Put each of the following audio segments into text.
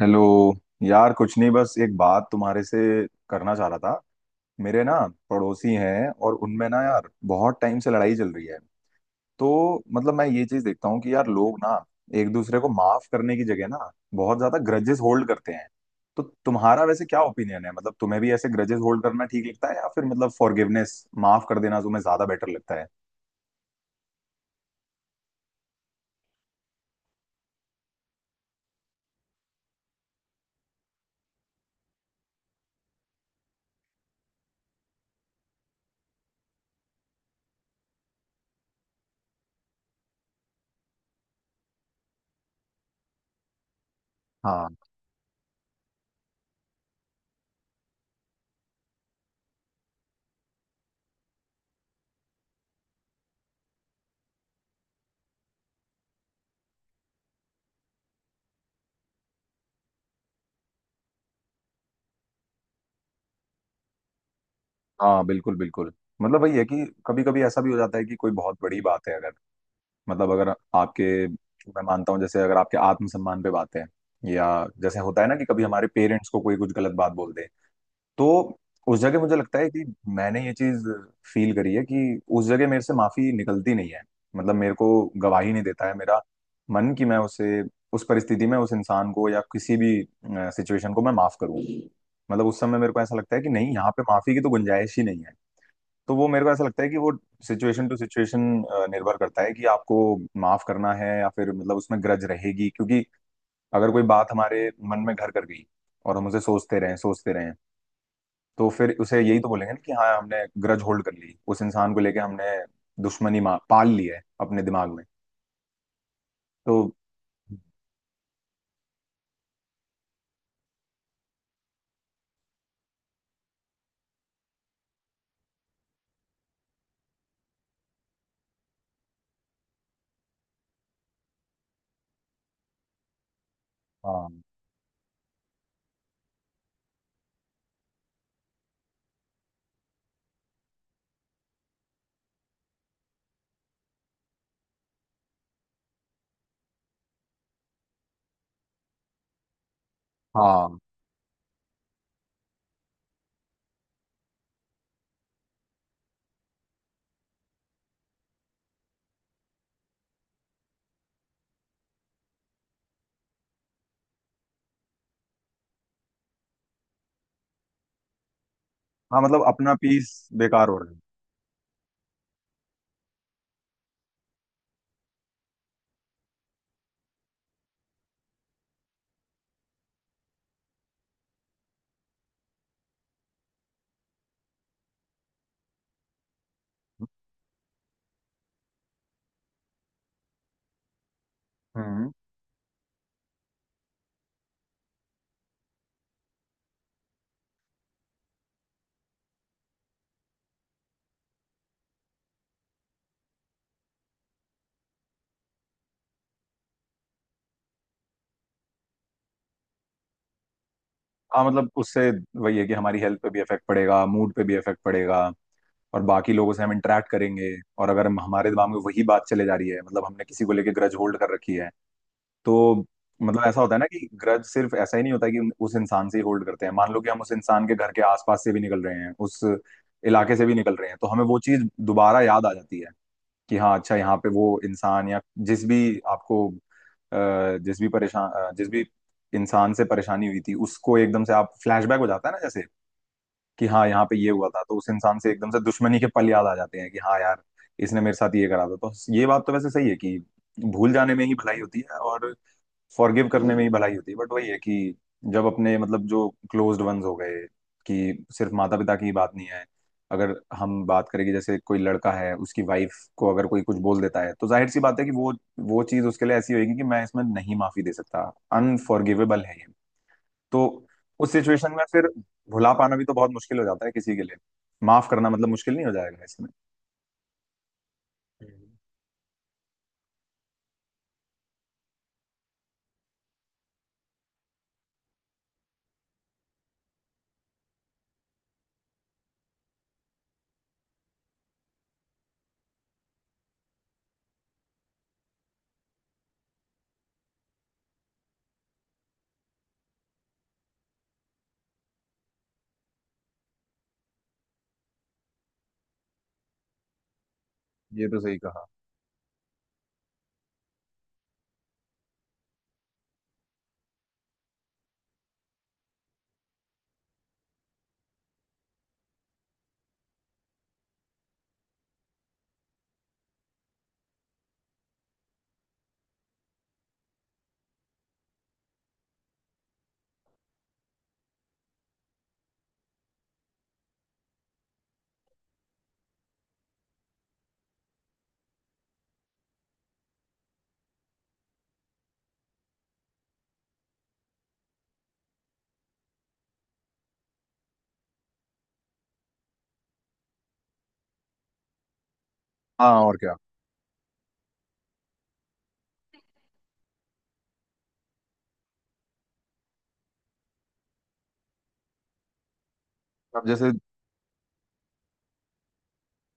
Hello. यार कुछ नहीं, बस एक बात तुम्हारे से करना चाह रहा था। मेरे ना पड़ोसी हैं, और उनमें ना यार बहुत टाइम से लड़ाई चल रही है। तो मतलब मैं ये चीज देखता हूँ कि यार लोग ना एक दूसरे को माफ करने की जगह ना बहुत ज्यादा ग्रजेस होल्ड करते हैं। तो तुम्हारा वैसे क्या ओपिनियन है, मतलब तुम्हें भी ऐसे ग्रजेस होल्ड करना ठीक लगता है या फिर मतलब फॉरगिवनेस, माफ कर देना तुम्हें ज्यादा बेटर लगता है। हाँ, हाँ बिल्कुल बिल्कुल। मतलब वही है कि कभी कभी ऐसा भी हो जाता है कि कोई बहुत बड़ी बात है। अगर मतलब अगर आपके, मैं मानता हूँ जैसे अगर आपके आत्मसम्मान पे बात है, या जैसे होता है ना कि कभी हमारे पेरेंट्स को कोई कुछ गलत बात बोल दे, तो उस जगह मुझे लगता है कि मैंने ये चीज फील करी है कि उस जगह मेरे से माफी निकलती नहीं है। मतलब मेरे को गवाही नहीं देता है मेरा मन कि मैं उसे उस परिस्थिति में उस इंसान को या किसी भी सिचुएशन को मैं माफ करूं। मतलब उस समय मेरे को ऐसा लगता है कि नहीं, यहाँ पे माफी की तो गुंजाइश ही नहीं है। तो वो मेरे को ऐसा लगता है कि वो सिचुएशन टू सिचुएशन निर्भर करता है कि आपको माफ करना है या फिर मतलब उसमें ग्रज रहेगी। क्योंकि अगर कोई बात हमारे मन में घर कर गई और हम उसे सोचते रहें, तो फिर उसे यही तो बोलेंगे ना कि हाँ, हमने ग्रज होल्ड कर ली उस इंसान को लेके, हमने दुश्मनी पाल ली है अपने दिमाग में। तो हाँ, हाँ हाँ। मतलब अपना पीस बेकार हो रहा है। हम्म। हाँ मतलब उससे वही है कि हमारी हेल्थ पे भी इफेक्ट पड़ेगा, मूड पे भी इफेक्ट पड़ेगा और बाकी लोगों से हम इंटरेक्ट करेंगे। और अगर हम हमारे दिमाग में वही बात चले जा रही है मतलब हमने किसी को लेके ग्रज होल्ड कर रखी है, तो मतलब ऐसा होता है ना कि ग्रज सिर्फ ऐसा ही नहीं होता कि उस इंसान से ही होल्ड करते हैं। मान लो कि हम उस इंसान के घर के आसपास से भी निकल रहे हैं, उस इलाके से भी निकल रहे हैं, तो हमें वो चीज दोबारा याद आ जाती है कि हाँ अच्छा, यहाँ पे वो इंसान, या जिस भी आपको जिस भी जिस भी इंसान से परेशानी हुई थी उसको एकदम से आप फ्लैशबैक हो जाता है ना, जैसे कि हाँ यहाँ पे ये हुआ था। तो उस इंसान से एकदम से दुश्मनी के पल याद आ जाते हैं कि हाँ यार, इसने मेरे साथ ये करा था। तो ये बात तो वैसे सही है कि भूल जाने में ही भलाई होती है और फॉरगिव करने में ही भलाई होती है। बट वही है कि जब अपने, मतलब जो क्लोज्ड वंस हो गए, कि सिर्फ माता पिता की ही बात नहीं है, अगर हम बात करें कि जैसे कोई लड़का है, उसकी वाइफ को अगर कोई कुछ बोल देता है, तो जाहिर सी बात है कि वो चीज उसके लिए ऐसी होगी कि मैं इसमें नहीं माफी दे सकता, अनफॉरगिवेबल है ये। तो उस सिचुएशन में फिर भुला पाना भी तो बहुत मुश्किल हो जाता है किसी के लिए। माफ करना मतलब मुश्किल नहीं हो जाएगा इसमें। हम्म। ये तो सही कहा। हाँ, और क्या। अब जैसे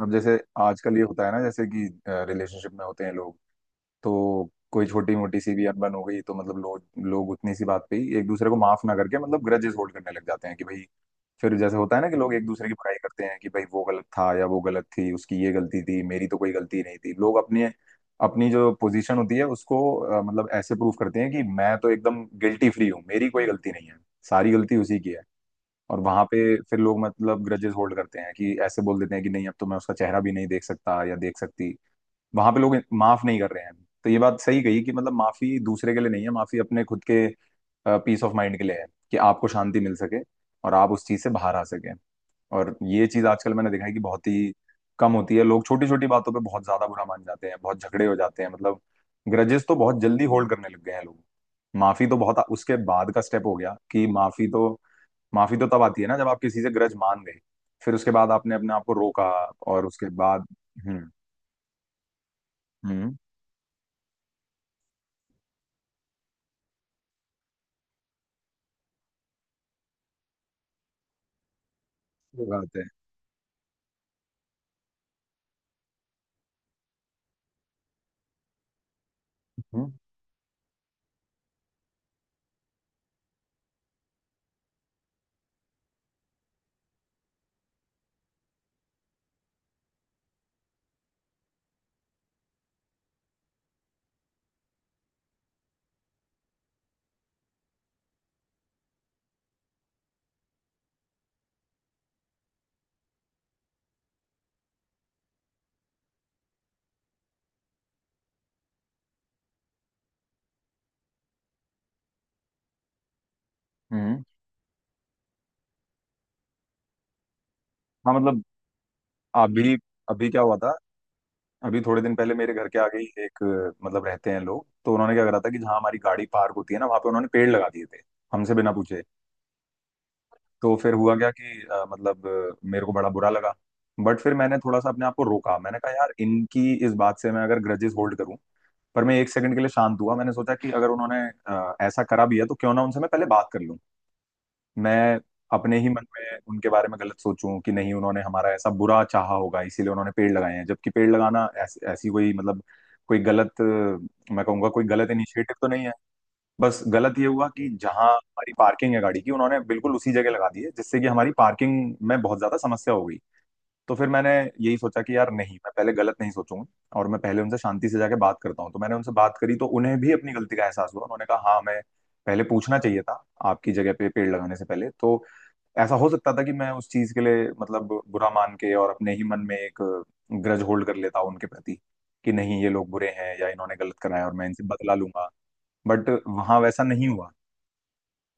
अब जैसे, आजकल ये होता है ना जैसे कि रिलेशनशिप में होते हैं लोग, तो कोई छोटी मोटी सी भी अनबन हो गई तो मतलब लोग लोग उतनी सी बात पे ही एक दूसरे को माफ ना करके मतलब ग्रजेस होल्ड करने लग जाते हैं कि भाई, फिर जैसे होता है ना कि लोग एक दूसरे की बुराई करते हैं कि भाई वो गलत था या वो गलत थी, उसकी ये गलती थी, मेरी तो कोई गलती नहीं थी। लोग अपने, अपनी जो पोजीशन होती है उसको मतलब ऐसे प्रूव करते हैं कि मैं तो एकदम गिल्टी फ्री हूँ, मेरी कोई गलती नहीं है, सारी गलती उसी की है। और वहां पे फिर लोग मतलब ग्रजेस होल्ड करते हैं कि ऐसे बोल देते हैं कि नहीं, अब तो मैं उसका चेहरा भी नहीं देख सकता या देख सकती। वहां पे लोग माफ नहीं कर रहे हैं। तो ये बात सही कही कि मतलब माफी दूसरे के लिए नहीं है, माफी अपने खुद के पीस ऑफ माइंड के लिए है, कि आपको शांति मिल सके और आप उस चीज से बाहर आ सके। और ये चीज आजकल मैंने देखा है कि बहुत ही कम होती है। लोग छोटी छोटी बातों पे बहुत ज्यादा बुरा मान जाते हैं, बहुत झगड़े हो जाते हैं, मतलब ग्रजेस तो बहुत जल्दी होल्ड करने लग गए हैं लोग। माफी तो बहुत उसके बाद का स्टेप हो गया कि माफी तो तब आती है ना जब आप किसी से ग्रज मान गए, फिर उसके बाद आपने अपने आप को रोका और उसके बाद। हम्म। हम्म, ये बात है। हम्म, हम्म। हाँ मतलब, अभी अभी क्या हुआ था, अभी थोड़े दिन पहले मेरे घर के आगे ही एक, मतलब रहते हैं लोग, तो उन्होंने क्या करा था कि जहाँ हमारी गाड़ी पार्क होती है ना वहां पे उन्होंने पेड़ लगा दिए थे हमसे बिना पूछे। तो फिर हुआ क्या कि मतलब मेरे को बड़ा बुरा लगा। बट फिर मैंने थोड़ा सा अपने आप को रोका, मैंने कहा यार, इनकी इस बात से मैं अगर ग्रजेस होल्ड करूं, पर मैं एक सेकंड के लिए शांत हुआ, मैंने सोचा कि अगर उन्होंने ऐसा करा भी है तो क्यों ना उनसे मैं पहले बात कर लूं, मैं अपने ही मन में उनके बारे में गलत सोचूं कि नहीं, उन्होंने हमारा ऐसा बुरा चाहा होगा इसीलिए उन्होंने पेड़ लगाए हैं, जबकि पेड़ लगाना ऐसी कोई मतलब कोई गलत, मैं कहूंगा कोई गलत इनिशिएटिव तो नहीं है। बस गलत ये हुआ कि जहां हमारी पार्किंग है गाड़ी की, उन्होंने बिल्कुल उसी जगह लगा दी है जिससे कि हमारी पार्किंग में बहुत ज्यादा समस्या हो गई। तो फिर मैंने यही सोचा कि यार नहीं, मैं पहले गलत नहीं सोचूंगा और मैं पहले उनसे शांति से जाके बात करता हूँ। तो मैंने उनसे बात करी तो उन्हें भी अपनी गलती का एहसास हुआ, उन्होंने कहा हाँ, मैं पहले पूछना चाहिए था आपकी जगह पे पेड़ लगाने से पहले। तो ऐसा हो सकता था कि मैं उस चीज के लिए मतलब बुरा मान के और अपने ही मन में एक ग्रज होल्ड कर लेता उनके प्रति कि नहीं, ये लोग बुरे हैं या इन्होंने गलत करा है और मैं इनसे बदला लूंगा। बट वहां वैसा नहीं हुआ,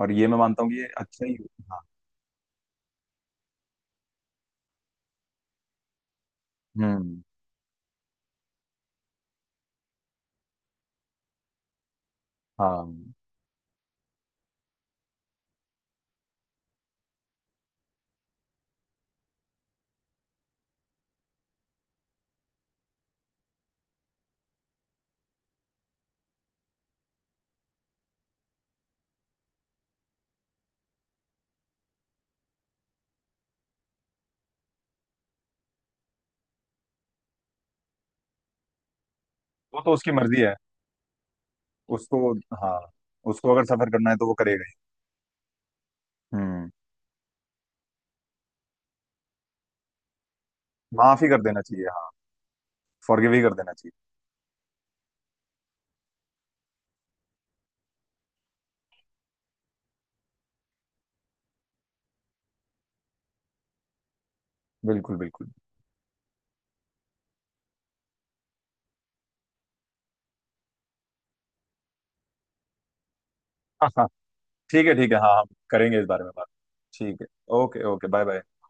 और ये मैं मानता हूँ कि ये अच्छा ही हुआ। हाँ। हम्म। हाँ, वो तो उसकी मर्जी है। उसको, हाँ, उसको अगर सफर करना है तो वो करेगा ही। हम्म। माफ ही कर देना चाहिए, हाँ, फॉरगिव ही कर देना चाहिए। बिल्कुल बिल्कुल। हाँ हाँ, ठीक है ठीक है, हाँ हम करेंगे इस बारे में बात। ठीक है, ओके ओके, बाय बाय।